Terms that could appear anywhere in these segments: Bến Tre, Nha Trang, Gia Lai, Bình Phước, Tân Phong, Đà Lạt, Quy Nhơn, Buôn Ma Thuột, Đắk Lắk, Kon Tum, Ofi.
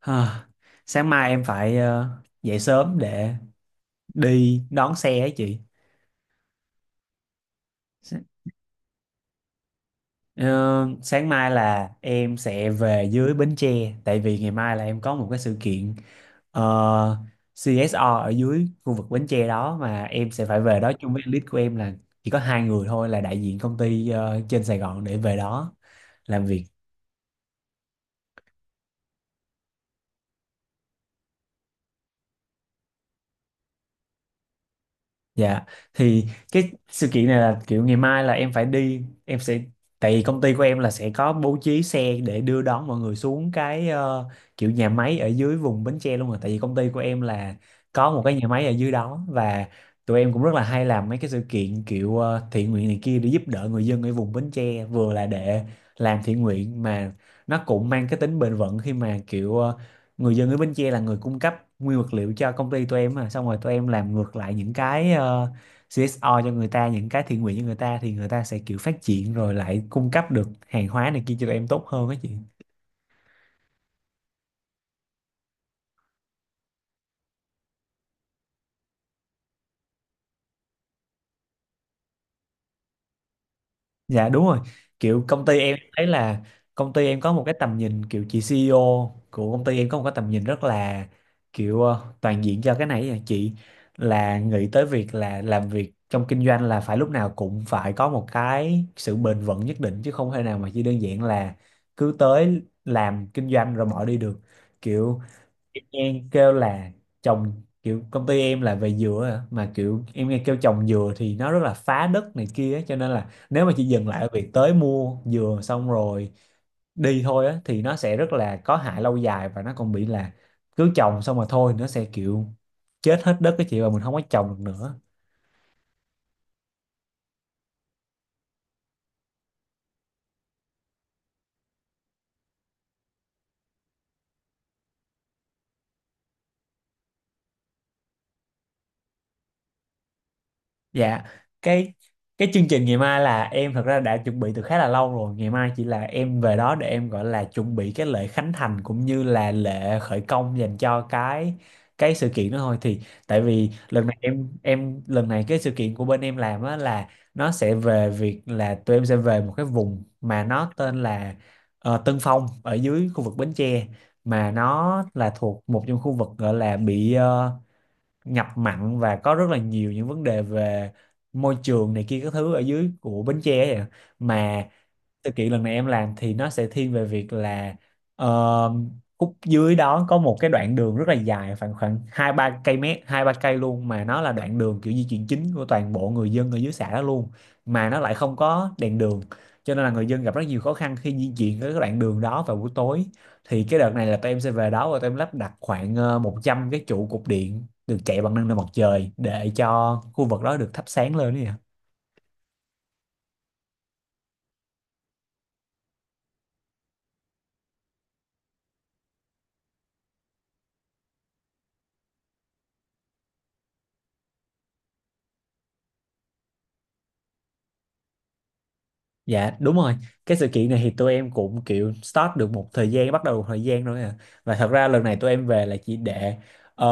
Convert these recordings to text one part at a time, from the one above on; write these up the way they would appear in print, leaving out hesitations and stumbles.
Ha, sáng mai em phải dậy sớm để đi đón xe ấy chị. S- ờ, sáng mai là em sẽ về dưới Bến Tre, tại vì ngày mai là em có một cái sự kiện ờ, CSR ở dưới khu vực Bến Tre đó, mà em sẽ phải về đó chung với lead của em, là chỉ có hai người thôi, là đại diện công ty trên Sài Gòn để về đó làm việc. Dạ thì cái sự kiện này là kiểu ngày mai là em phải đi, em sẽ tại vì công ty của em là sẽ có bố trí xe để đưa đón mọi người xuống cái kiểu nhà máy ở dưới vùng Bến Tre luôn, rồi tại vì công ty của em là có một cái nhà máy ở dưới đó, và tụi em cũng rất là hay làm mấy cái sự kiện kiểu thiện nguyện này kia để giúp đỡ người dân ở vùng Bến Tre, vừa là để làm thiện nguyện mà nó cũng mang cái tính bền vững, khi mà kiểu người dân ở Bến Tre là người cung cấp nguyên vật liệu cho công ty tụi em, mà xong rồi tụi em làm ngược lại những cái CSO cho người ta, những cái thiện nguyện cho người ta, thì người ta sẽ kiểu phát triển rồi lại cung cấp được hàng hóa này kia cho tụi em tốt hơn á chị. Dạ đúng rồi. Kiểu công ty em thấy là công ty em có một cái tầm nhìn, kiểu chị CEO của công ty em có một cái tầm nhìn rất là kiểu toàn diện cho cái này à chị, là nghĩ tới việc là làm việc trong kinh doanh là phải lúc nào cũng phải có một cái sự bền vững nhất định, chứ không thể nào mà chỉ đơn giản là cứ tới làm kinh doanh rồi bỏ đi được. Kiểu em kêu là trồng, kiểu công ty em là về dừa á, mà kiểu em nghe kêu trồng dừa thì nó rất là phá đất này kia á, cho nên là nếu mà chỉ dừng lại ở việc tới mua dừa xong rồi đi thôi á thì nó sẽ rất là có hại lâu dài, và nó còn bị là cứ trồng xong mà thôi nó sẽ kiểu chết hết đất cái chị, và mình không có trồng được nữa. Dạ, cái cái chương trình ngày mai là em thật ra đã chuẩn bị từ khá là lâu rồi. Ngày mai chỉ là em về đó để em gọi là chuẩn bị cái lễ khánh thành cũng như là lễ khởi công dành cho cái sự kiện đó thôi. Thì tại vì lần này em lần này cái sự kiện của bên em làm á là nó sẽ về việc là tụi em sẽ về một cái vùng mà nó tên là Tân Phong ở dưới khu vực Bến Tre, mà nó là thuộc một trong khu vực gọi là bị ngập mặn, và có rất là nhiều những vấn đề về môi trường này kia các thứ ở dưới của Bến Tre ấy ạ. Mà sự kiện lần này em làm thì nó sẽ thiên về việc là ờ, khúc dưới đó có một cái đoạn đường rất là dài, khoảng khoảng hai ba cây mét, hai ba cây luôn, mà nó là đoạn đường kiểu di chuyển chính của toàn bộ người dân ở dưới xã đó luôn, mà nó lại không có đèn đường, cho nên là người dân gặp rất nhiều khó khăn khi di chuyển cái đoạn đường đó vào buổi tối. Thì cái đợt này là tụi em sẽ về đó và tụi em lắp đặt khoảng 100 cái trụ cục điện được chạy bằng năng lượng mặt trời để cho khu vực đó được thắp sáng lên nè. Dạ đúng rồi. Cái sự kiện này thì tụi em cũng kiểu start được một thời gian, bắt đầu một thời gian rồi à. Và thật ra lần này tụi em về là chỉ để ờ,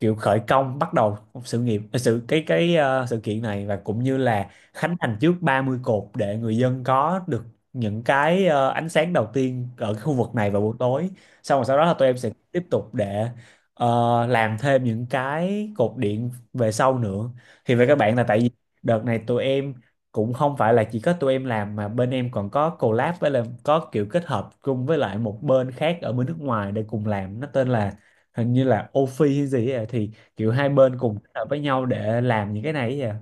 kiểu khởi công, bắt đầu một sự nghiệp ờ, sự cái ờ, sự kiện này, và cũng như là khánh thành trước 30 cột để người dân có được những cái ánh sáng đầu tiên ở cái khu vực này vào buổi tối. Xong rồi sau đó là tụi em sẽ tiếp tục để làm thêm những cái cột điện về sau nữa. Thì về các bạn là tại vì đợt này tụi em cũng không phải là chỉ có tụi em làm, mà bên em còn có collab với, là có kiểu kết hợp chung với lại một bên khác ở bên nước ngoài để cùng làm, nó tên là hình như là Ofi hay gì ấy, à, thì kiểu hai bên cùng kết hợp với nhau để làm những cái này ấy à.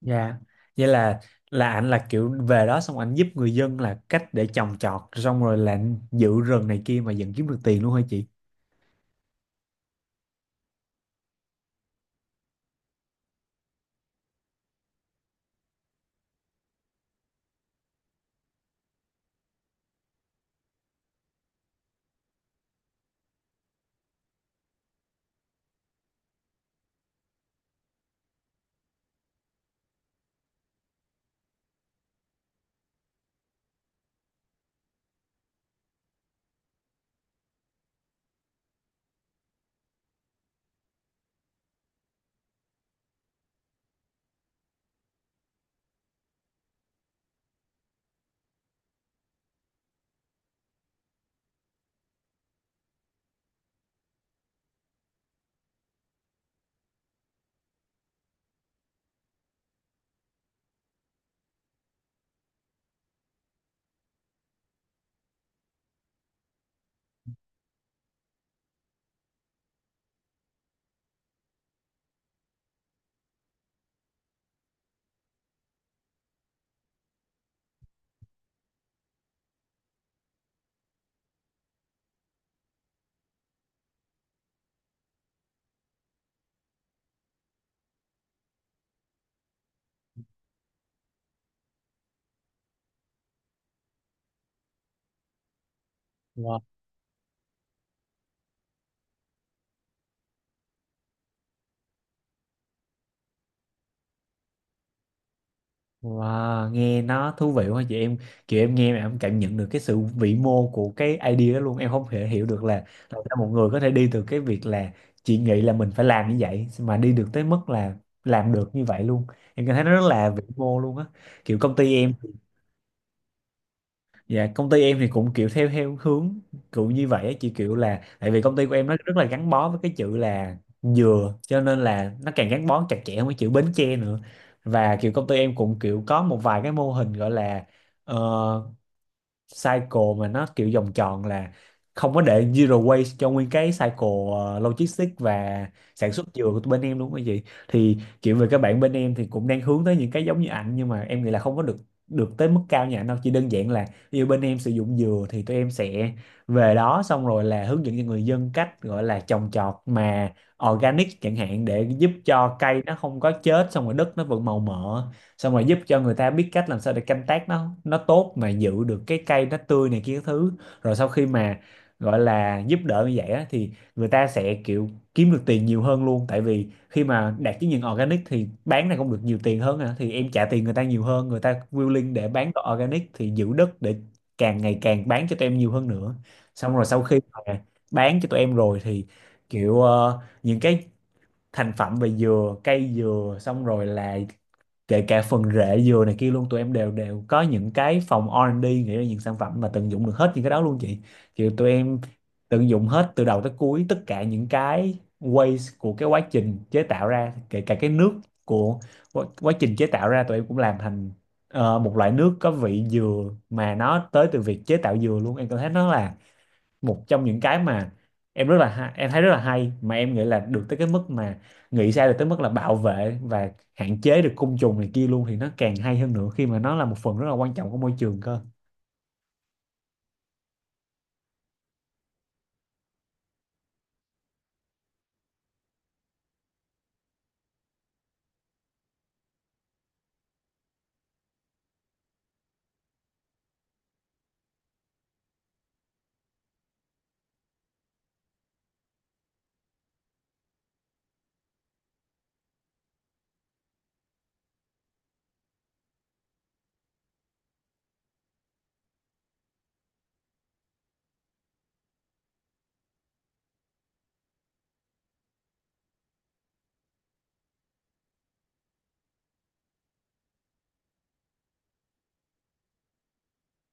Dạ. Vậy là ảnh là kiểu về đó xong ảnh giúp người dân là cách để trồng trọt xong rồi là giữ rừng này kia mà vẫn kiếm được tiền luôn hả chị? Wow, nghe nó thú vị quá chị, em kiểu em nghe mà em cảm nhận được cái sự vĩ mô của cái idea đó luôn, em không thể hiểu được là làm sao một người có thể đi từ cái việc là chị nghĩ là mình phải làm như vậy mà đi được tới mức là làm được như vậy luôn. Em cảm thấy nó rất là vĩ mô luôn á, kiểu công ty em. Dạ công ty em thì cũng kiểu theo theo hướng kiểu như vậy á, chị, kiểu là tại vì công ty của em nó rất là gắn bó với cái chữ là dừa, cho nên là nó càng gắn bó chặt chẽ với chữ Bến Tre nữa. Và kiểu công ty em cũng kiểu có một vài cái mô hình gọi là ờ, cycle mà nó kiểu vòng tròn, là không có để zero waste cho nguyên cái cycle logistics và sản xuất dừa của bên em luôn cái gì. Thì kiểu về các bạn bên em thì cũng đang hướng tới những cái giống như ảnh, nhưng mà em nghĩ là không có được được tới mức cao như ảnh đâu, chỉ đơn giản là ví dụ bên em sử dụng dừa thì tụi em sẽ về đó xong rồi là hướng dẫn cho người dân cách gọi là trồng trọt mà organic chẳng hạn, để giúp cho cây nó không có chết, xong rồi đất nó vẫn màu mỡ, xong rồi giúp cho người ta biết cách làm sao để canh tác nó tốt mà giữ được cái cây nó tươi này kia các thứ, rồi sau khi mà gọi là giúp đỡ như vậy á, thì người ta sẽ kiểu kiếm được tiền nhiều hơn luôn, tại vì khi mà đạt chứng nhận organic thì bán này cũng được nhiều tiền hơn à. Thì em trả tiền người ta nhiều hơn, người ta willing để bán đồ organic thì giữ đất để càng ngày càng bán cho tụi em nhiều hơn nữa. Xong rồi sau khi mà bán cho tụi em rồi thì kiểu những cái thành phẩm về dừa, cây dừa, xong rồi là kể cả phần rễ dừa này kia luôn, tụi em đều đều có những cái phòng R&D nghĩ ra những sản phẩm mà tận dụng được hết những cái đó luôn chị. Kiểu tụi em tận dụng hết từ đầu tới cuối tất cả những cái waste của cái quá trình chế tạo ra, kể cả cái nước của quá trình chế tạo ra, tụi em cũng làm thành một loại nước có vị dừa mà nó tới từ việc chế tạo dừa luôn. Em cảm thấy nó là một trong những cái mà em rất là em thấy rất là hay, mà em nghĩ là được tới cái mức mà nghĩ ra được tới mức là bảo vệ và hạn chế được côn trùng này kia luôn thì nó càng hay hơn nữa, khi mà nó là một phần rất là quan trọng của môi trường cơ.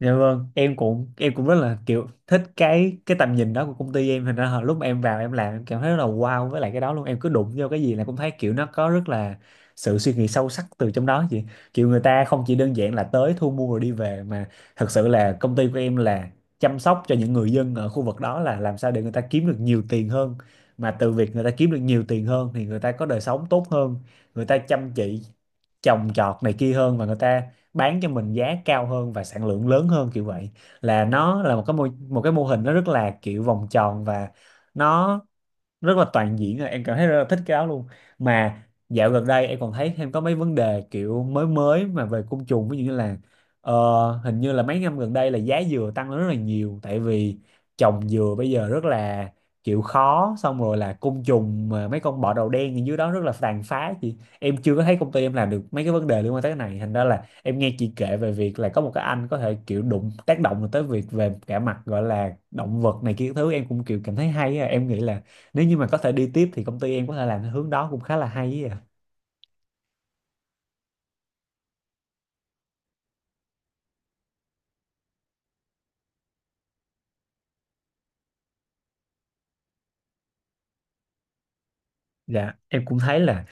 Dạ vâng, em cũng rất là kiểu thích cái tầm nhìn đó của công ty em, thành ra là lúc mà em vào em làm em cảm thấy rất là wow với lại cái đó luôn, em cứ đụng vô cái gì là cũng thấy kiểu nó có rất là sự suy nghĩ sâu sắc từ trong đó chị. Kiểu người ta không chỉ đơn giản là tới thu mua rồi đi về, mà thật sự là công ty của em là chăm sóc cho những người dân ở khu vực đó, là làm sao để người ta kiếm được nhiều tiền hơn, mà từ việc người ta kiếm được nhiều tiền hơn Thì người ta có đời sống tốt hơn, người ta chăm chỉ trồng trọt này kia hơn, và người ta bán cho mình giá cao hơn và sản lượng lớn hơn, kiểu vậy. Là nó là một cái mô hình nó rất là kiểu vòng tròn và nó rất là toàn diện rồi. Em cảm thấy rất là thích cái áo luôn. Mà dạo gần đây em còn thấy thêm có mấy vấn đề kiểu mới mới mà về côn trùng, ví dụ như là ờ, hình như là mấy năm gần đây là giá dừa tăng lên rất là nhiều, tại vì trồng dừa bây giờ rất là kiểu khó. Xong rồi là côn trùng, mà mấy con bọ đầu đen gì dưới đó rất là tàn phá, chị. Em chưa có thấy công ty em làm được mấy cái vấn đề liên quan tới cái này, thành ra là em nghe chị kể về việc là có một cái anh có thể kiểu đụng tác động được tới việc về cả mặt gọi là động vật này kia, cái thứ em cũng kiểu cảm thấy hay á. Em nghĩ là nếu như mà có thể đi tiếp thì công ty em có thể làm theo hướng đó cũng khá là hay ấy ạ. Dạ, em cũng thấy là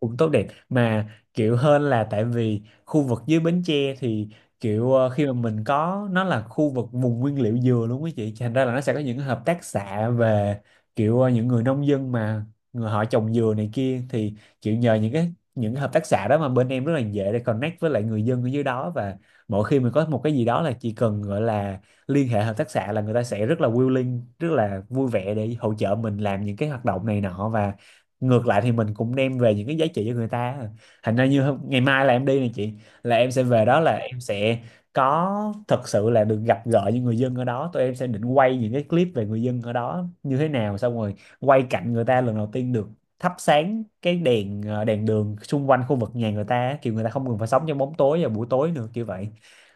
cũng tốt đẹp mà, kiểu hơn, là tại vì khu vực dưới Bến Tre thì kiểu khi mà mình có, nó là khu vực vùng nguyên liệu dừa luôn quý chị, thành ra là nó sẽ có những hợp tác xã về kiểu những người nông dân mà người họ trồng dừa này kia, thì kiểu nhờ những cái hợp tác xã đó mà bên em rất là dễ để connect với lại người dân ở dưới đó. Và mỗi khi mình có một cái gì đó là chỉ cần gọi là liên hệ hợp tác xã là người ta sẽ rất là willing, rất là vui vẻ để hỗ trợ mình làm những cái hoạt động này nọ, và ngược lại thì mình cũng đem về những cái giá trị cho người ta. Thành ra như ngày mai là em đi này chị, là em sẽ về đó, là em sẽ có thật sự là được gặp gỡ những người dân ở đó. Tụi em sẽ định quay những cái clip về người dân ở đó như thế nào, xong rồi quay cảnh người ta lần đầu tiên được thắp sáng cái đèn, đèn đường xung quanh khu vực nhà người ta, kiểu người ta không cần phải sống trong bóng tối vào buổi tối nữa, kiểu vậy.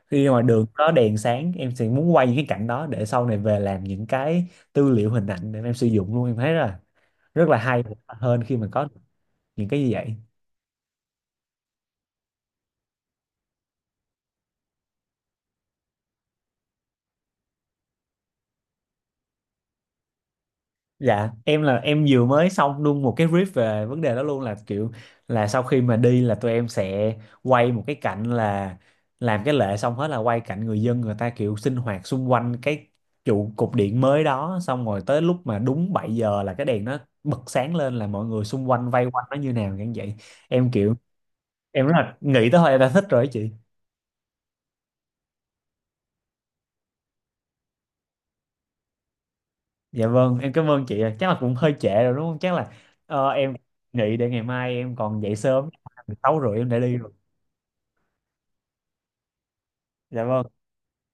Khi mà đường có đèn sáng, em sẽ muốn quay những cái cảnh đó để sau này về làm những cái tư liệu hình ảnh để em sử dụng luôn. Em thấy là rất là hay hơn khi mà có những cái như vậy. Dạ em là em vừa mới xong luôn một cái brief về vấn đề đó luôn, là kiểu là sau khi mà đi là tụi em sẽ quay một cái cảnh là làm cái lễ xong hết là quay cảnh người dân, người ta kiểu sinh hoạt xung quanh cái trụ cột điện mới đó, xong rồi tới lúc mà đúng 7 giờ là cái đèn nó bật sáng lên, là mọi người xung quanh vây quanh nó như nào, như vậy. Em kiểu em rất là nghĩ tới thôi em đã thích rồi đó chị. Dạ vâng, em cảm ơn chị ạ. Chắc là cũng hơi trễ rồi đúng không? Chắc là em nghĩ để ngày mai em còn dậy sớm, 6h30 em đã đi rồi. Dạ vâng,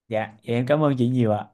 dạ, vậy em cảm ơn chị nhiều ạ.